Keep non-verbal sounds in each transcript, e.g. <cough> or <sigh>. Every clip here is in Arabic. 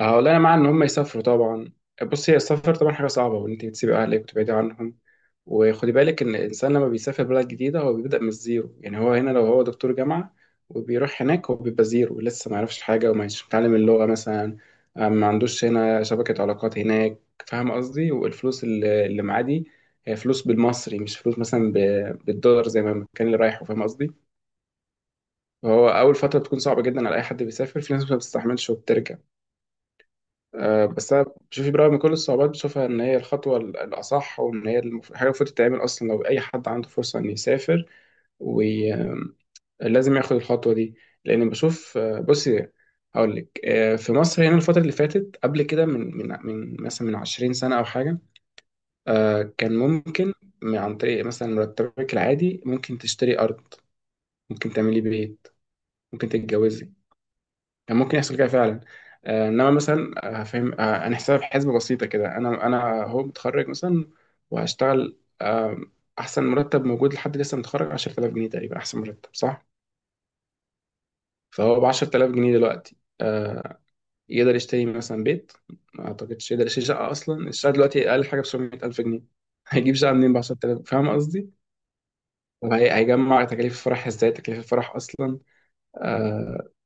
اه، والله انا مع ان هم يسافروا طبعا. بص، هي السفر طبعا حاجه صعبه، وان انت بتسيبي اهلك وتبعدي عنهم. وخدي بالك ان الانسان لما بيسافر بلد جديده هو بيبدا من الزيرو. يعني هو هنا لو هو دكتور جامعه وبيروح هناك هو بيبقى زيرو، لسه ما يعرفش حاجه وما يش- متعلم اللغه مثلا. ما عندوش هنا شبكه علاقات هناك، فاهم قصدي؟ والفلوس اللي معاه دي هي فلوس بالمصري، مش فلوس مثلا بالدولار زي ما كان اللي رايحه، فاهم قصدي؟ فهو اول فتره بتكون صعبه جدا على اي حد بيسافر، في ناس ما بتستحملش وبترجع. بس انا بشوف برغم من كل الصعوبات بشوفها ان هي الخطوه الاصح، وان هي حاجه المفروض تتعمل اصلا لو اي حد عنده فرصه انه يسافر، ولازم ياخد الخطوه دي. لان بشوف بصي، هقول لك، في مصر هنا الفتره اللي فاتت قبل كده من مثلا من 20 سنه او حاجه، كان ممكن عن طريق مثلا مرتبك العادي ممكن تشتري ارض، ممكن تعملي بيت، ممكن تتجوزي. كان ممكن يحصل كده فعلا. انما مثلا، آه، فاهم آه، انا حساب حسبه بسيطه كده. انا هو متخرج مثلا وهشتغل، احسن مرتب موجود لحد لسه متخرج 10000 جنيه تقريبا، احسن مرتب، صح؟ فهو ب 10000 جنيه دلوقتي يقدر يشتري مثلا بيت؟ ما اعتقدش يقدر يشتري شقه اصلا. الشقه دلوقتي اقل حاجه ب 700000 جنيه. <laughs> هيجيب شقه منين ب 10000؟ فاهم قصدي؟ وهيجمع تكاليف الفرح ازاي؟ تكاليف الفرح اصلا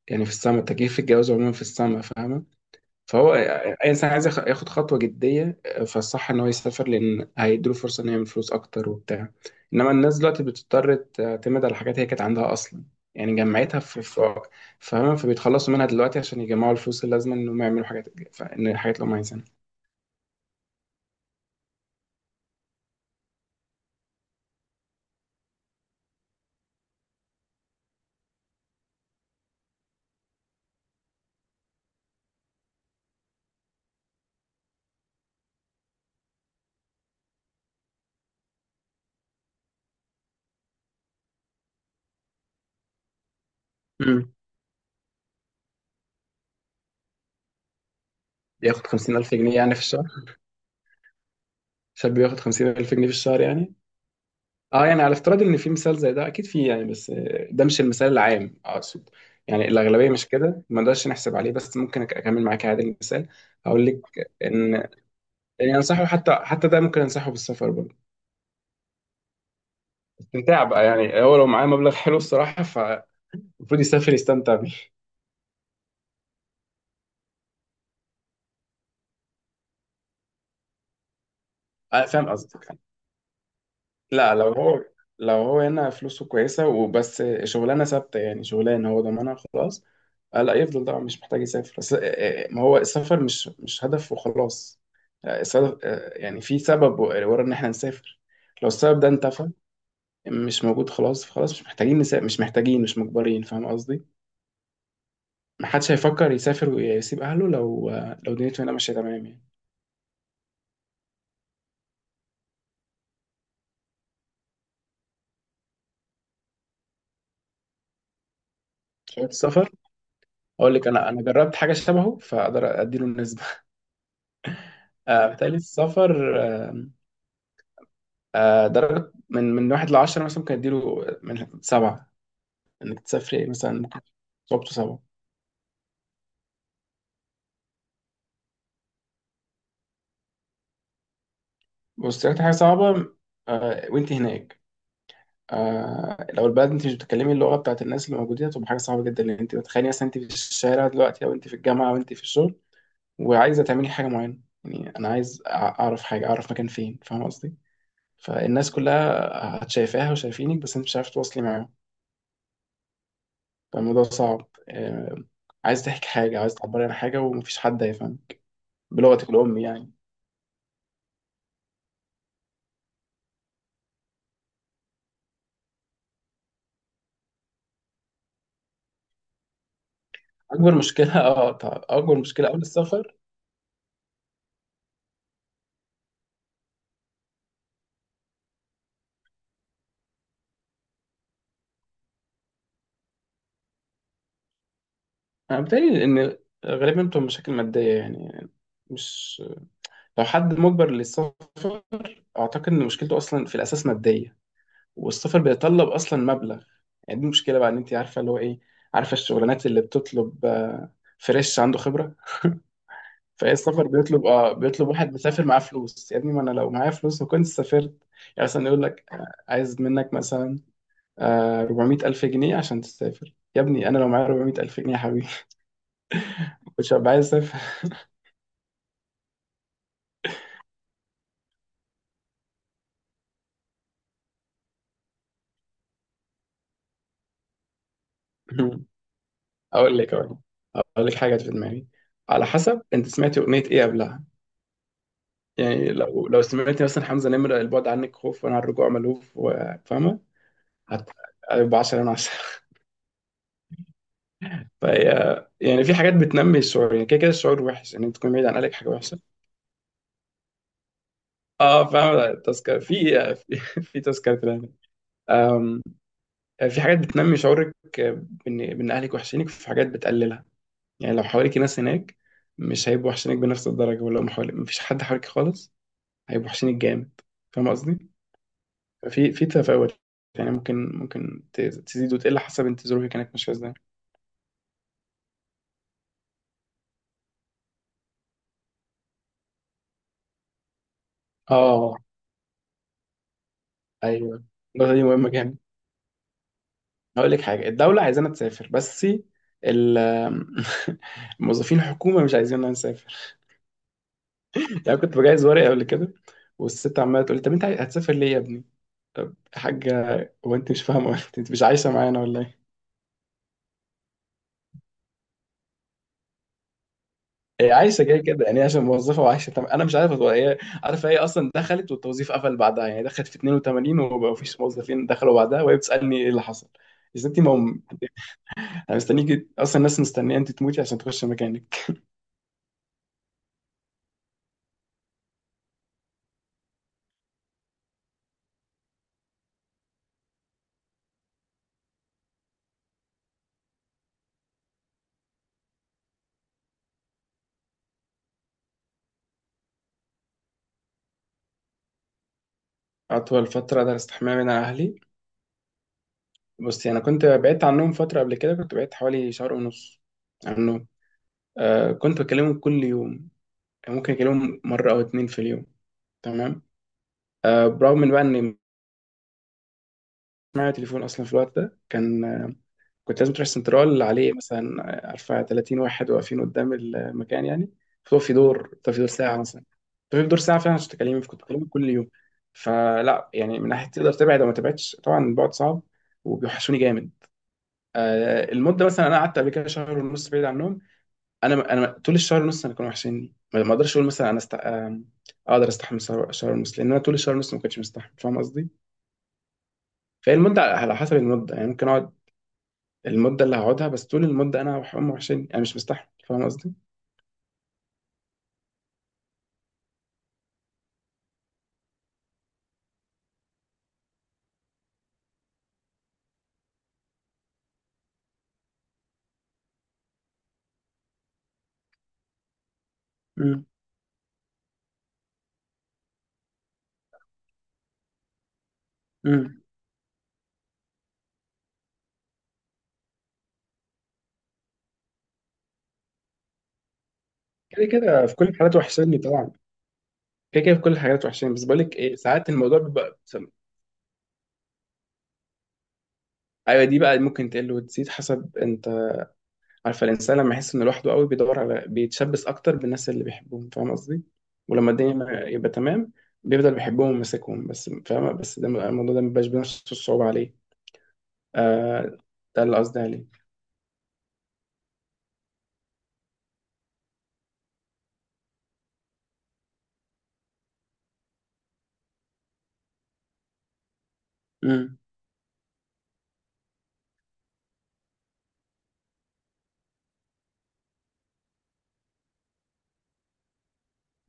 يعني في السما، تكاليف الجواز عموما في السما، فاهمه. فهو اي انسان عايز ياخد خطوه جديه، فالصح ان هو يسافر، لان هيديله فرصه انه يعمل فلوس اكتر وبتاع. انما الناس دلوقتي بتضطر تعتمد على حاجات هي كانت عندها اصلا، يعني جمعتها في في فاهمة؟ فبيتخلصوا منها دلوقتي عشان يجمعوا الفلوس اللازمه انهم يعملوا حاجات، ان الحاجات اللي هم عايزينها. امم ياخد 50000 جنيه يعني في الشهر؟ شاب ياخد 50000 جنيه في الشهر يعني؟ اه، يعني على افتراض ان في مثال زي ده، اكيد في يعني، بس ده مش المثال العام. اقصد يعني الاغلبيه مش كده، ما نقدرش نحسب عليه، بس ممكن اكمل معاك عادي المثال. هقول لك ان، يعني، انصحه. حتى ده ممكن انصحه بالسفر برضه، استمتاع بقى. يعني هو لو معاه مبلغ حلو الصراحه فالمفروض يسافر يستمتع بيه. فاهم قصدك. لا، لو هو هنا فلوسه كويسة وبس، شغلانة ثابتة، يعني شغلانة هو ضامنها خلاص، لا يفضل طبعا، مش محتاج يسافر. بس ما هو السفر مش هدف وخلاص. السبب يعني في سبب ورا ان احنا نسافر، لو السبب ده انتفى، مش موجود، خلاص خلاص مش محتاجين نسافر، مش محتاجين، مش مجبرين، فاهم قصدي؟ محدش هيفكر يسافر ويسيب اهله لو لو دنيته هنا ماشية تمام يعني. شوية السفر؟ اقول لك، انا جربت حاجة شبهه، فاقدر اديله النسبة. <laughs> بالتالي السفر، درجة من واحد لعشرة مثلا، ممكن أديله من سبعة. إنك تسافري مثلا، ممكن، صعوبته صعبة. بص، أكتر حاجة صعبة وأنت هناك، لو البلد أنت مش بتتكلمي اللغة بتاعت الناس اللي موجودين هتبقى حاجة صعبة جدا، لأن أنت بتخيلي مثلا أنت في الشارع دلوقتي، أو أنت في الجامعة، أو أنت في الشغل، وعايزة تعملي حاجة معينة، يعني أنا عايز أعرف حاجة، أعرف مكان فين، فاهم قصدي؟ فالناس كلها هتشايفاها وشايفينك، بس أنت مش عارف تواصلي معاهم، فالموضوع صعب. عايز تحكي حاجة، عايز تعبري عن حاجة، ومفيش حد هيفهم بلغتك الأم يعني. أكبر مشكلة. <laughs> اه، طبعا أكبر مشكلة قبل السفر، أنا بتهيألي إن غالبا بتبقى مشاكل مادية يعني. مش، لو حد مجبر للسفر أعتقد إن مشكلته أصلا في الأساس مادية، والسفر بيتطلب أصلا مبلغ. يعني دي المشكلة بقى، إن أنت عارفة اللي هو إيه، عارفة الشغلانات اللي بتطلب فريش عنده خبرة. فهي السفر بيطلب، بيطلب واحد مسافر معاه فلوس. يا ابني، ما انا لو معايا فلوس ما كنت سافرت. يعني مثلا يقول لك عايز منك مثلا 400 ألف جنيه عشان تسافر. يا ابني، أنا لو معايا 400 ألف جنيه يا حبيبي، <laughs> مش هبقى عايز أسافر. <laughs> أقول لك أقول لك حاجة جت في دماغي. على حسب أنت سمعتي أغنية إيه قبلها. يعني لو سمعتي مثلا حمزة نمرة، البعد عنك خوف وأنا على الرجوع ملهوف، فاهمة؟ هت- هيبقى 10 من 10. <laughs> فهي يعني في حاجات بتنمي الشعور، يعني كده كده الشعور وحش، إن أنت تكون بعيد عن أهلك حاجة وحشة. أه، فاهمة، تذكر في، في <laughs> في تذكرة. في حاجات بتنمي شعورك بان اهلك وحشينك، في حاجات بتقللها. يعني لو حواليك ناس هناك، مش هيبقوا وحشينك بنفس الدرجه، ولو مفيش حد حواليك خالص هيبقوا وحشينك جامد، فاهم قصدي؟ في تفاوت، يعني ممكن تزيد وتقل حسب انت ظروفك كانت ماشيه ازاي. اه، ايوه، النقطه دي مهمه جامد. هقول لك حاجه، الدوله عايزانا تسافر، بس ال <laughs> موظفين الحكومه مش عايزيننا نسافر. يعني كنت بجهز ورقه قبل كده، والست عماله تقول لي: طب انت هتسافر ليه يا ابني؟ حاجة! وانت مش فاهمة، انت مش عايشة معانا ولا ايه؟ هي عايشة كده كده، يعني هي عشان موظفة وعايشة انا مش عارف. هو هي عارفة، هي اصلا دخلت والتوظيف قفل بعدها. يعني دخلت في 82، وما فيش موظفين دخلوا بعدها، وهي بتسألني ايه اللي حصل؟ إذا انت انا مستنيك اصلا، الناس مستنية انت تموتي عشان تخش مكانك. اطول فترة درست حماية من اهلي. بصي، انا كنت بعدت عنهم فترة قبل كده، كنت بعدت حوالي شهر ونص عنهم. آه، كنت بكلمهم كل يوم، يعني ممكن اكلمهم مرة او اتنين في اليوم، تمام؟ برغم من بقى ان معايا تليفون، اصلا في الوقت ده كان كنت لازم تروح سنترال عليه مثلا، عارفه 30 واحد واقفين قدام المكان يعني. فهو في دور، طب في دور ساعه مثلا، طب في دور ساعه فعلا عشان تكلمني، كنت بكلمك كل يوم. فلا يعني، من ناحيه تقدر تبعد او ما تبعدش، طبعا البعد صعب وبيوحشوني جامد. المده مثلا انا قعدت قبل كده شهر ونص بعيد عنهم. انا طول الشهر ونص انا كانوا وحشيني، ما اقدرش اقول مثلا انا است... آه، اقدر استحمل شهر، شهر ونص، لان انا طول الشهر ونص ما كنتش مستحمل، فاهم قصدي؟ فهي المده على حسب المده، يعني ممكن اقعد المده اللي هقعدها، بس طول المده انا امي وحشاني، انا مش مستحمل، فاهم قصدي؟ امم. امم. كده كده في كل الحالات وحشاني طبعا. كده كده في كل الحالات وحشاني، بس بقول لك ايه ساعات الموضوع بيبقى ايوه، دي بقى ممكن تقل وتزيد حسب انت. عارفه الانسان لما يحس انه لوحده قوي، بيدور على، بيتشبث اكتر بالناس اللي بيحبهم، فاهم قصدي؟ ولما الدنيا ما يبقى تمام، بيفضل بيحبهم وماسكهم بس، فاهمه؟ بس ده الموضوع ده ما بيبقاش بنفس الصعوبه عليه. آه، ده اللي قصدي عليه. امم.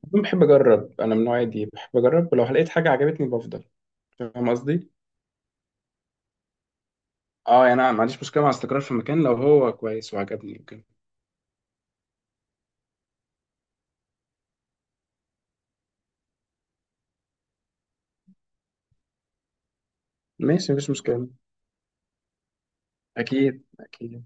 بحب اجرب، انا من النوع دي، بحب اجرب، ولو لقيت حاجه عجبتني بفضل، فاهم قصدي؟ اه، يعني انا ما عنديش مشكله مع استقرار في مكان لو هو كويس وعجبني وكده. ماشي، مفيش مشكله، اكيد اكيد.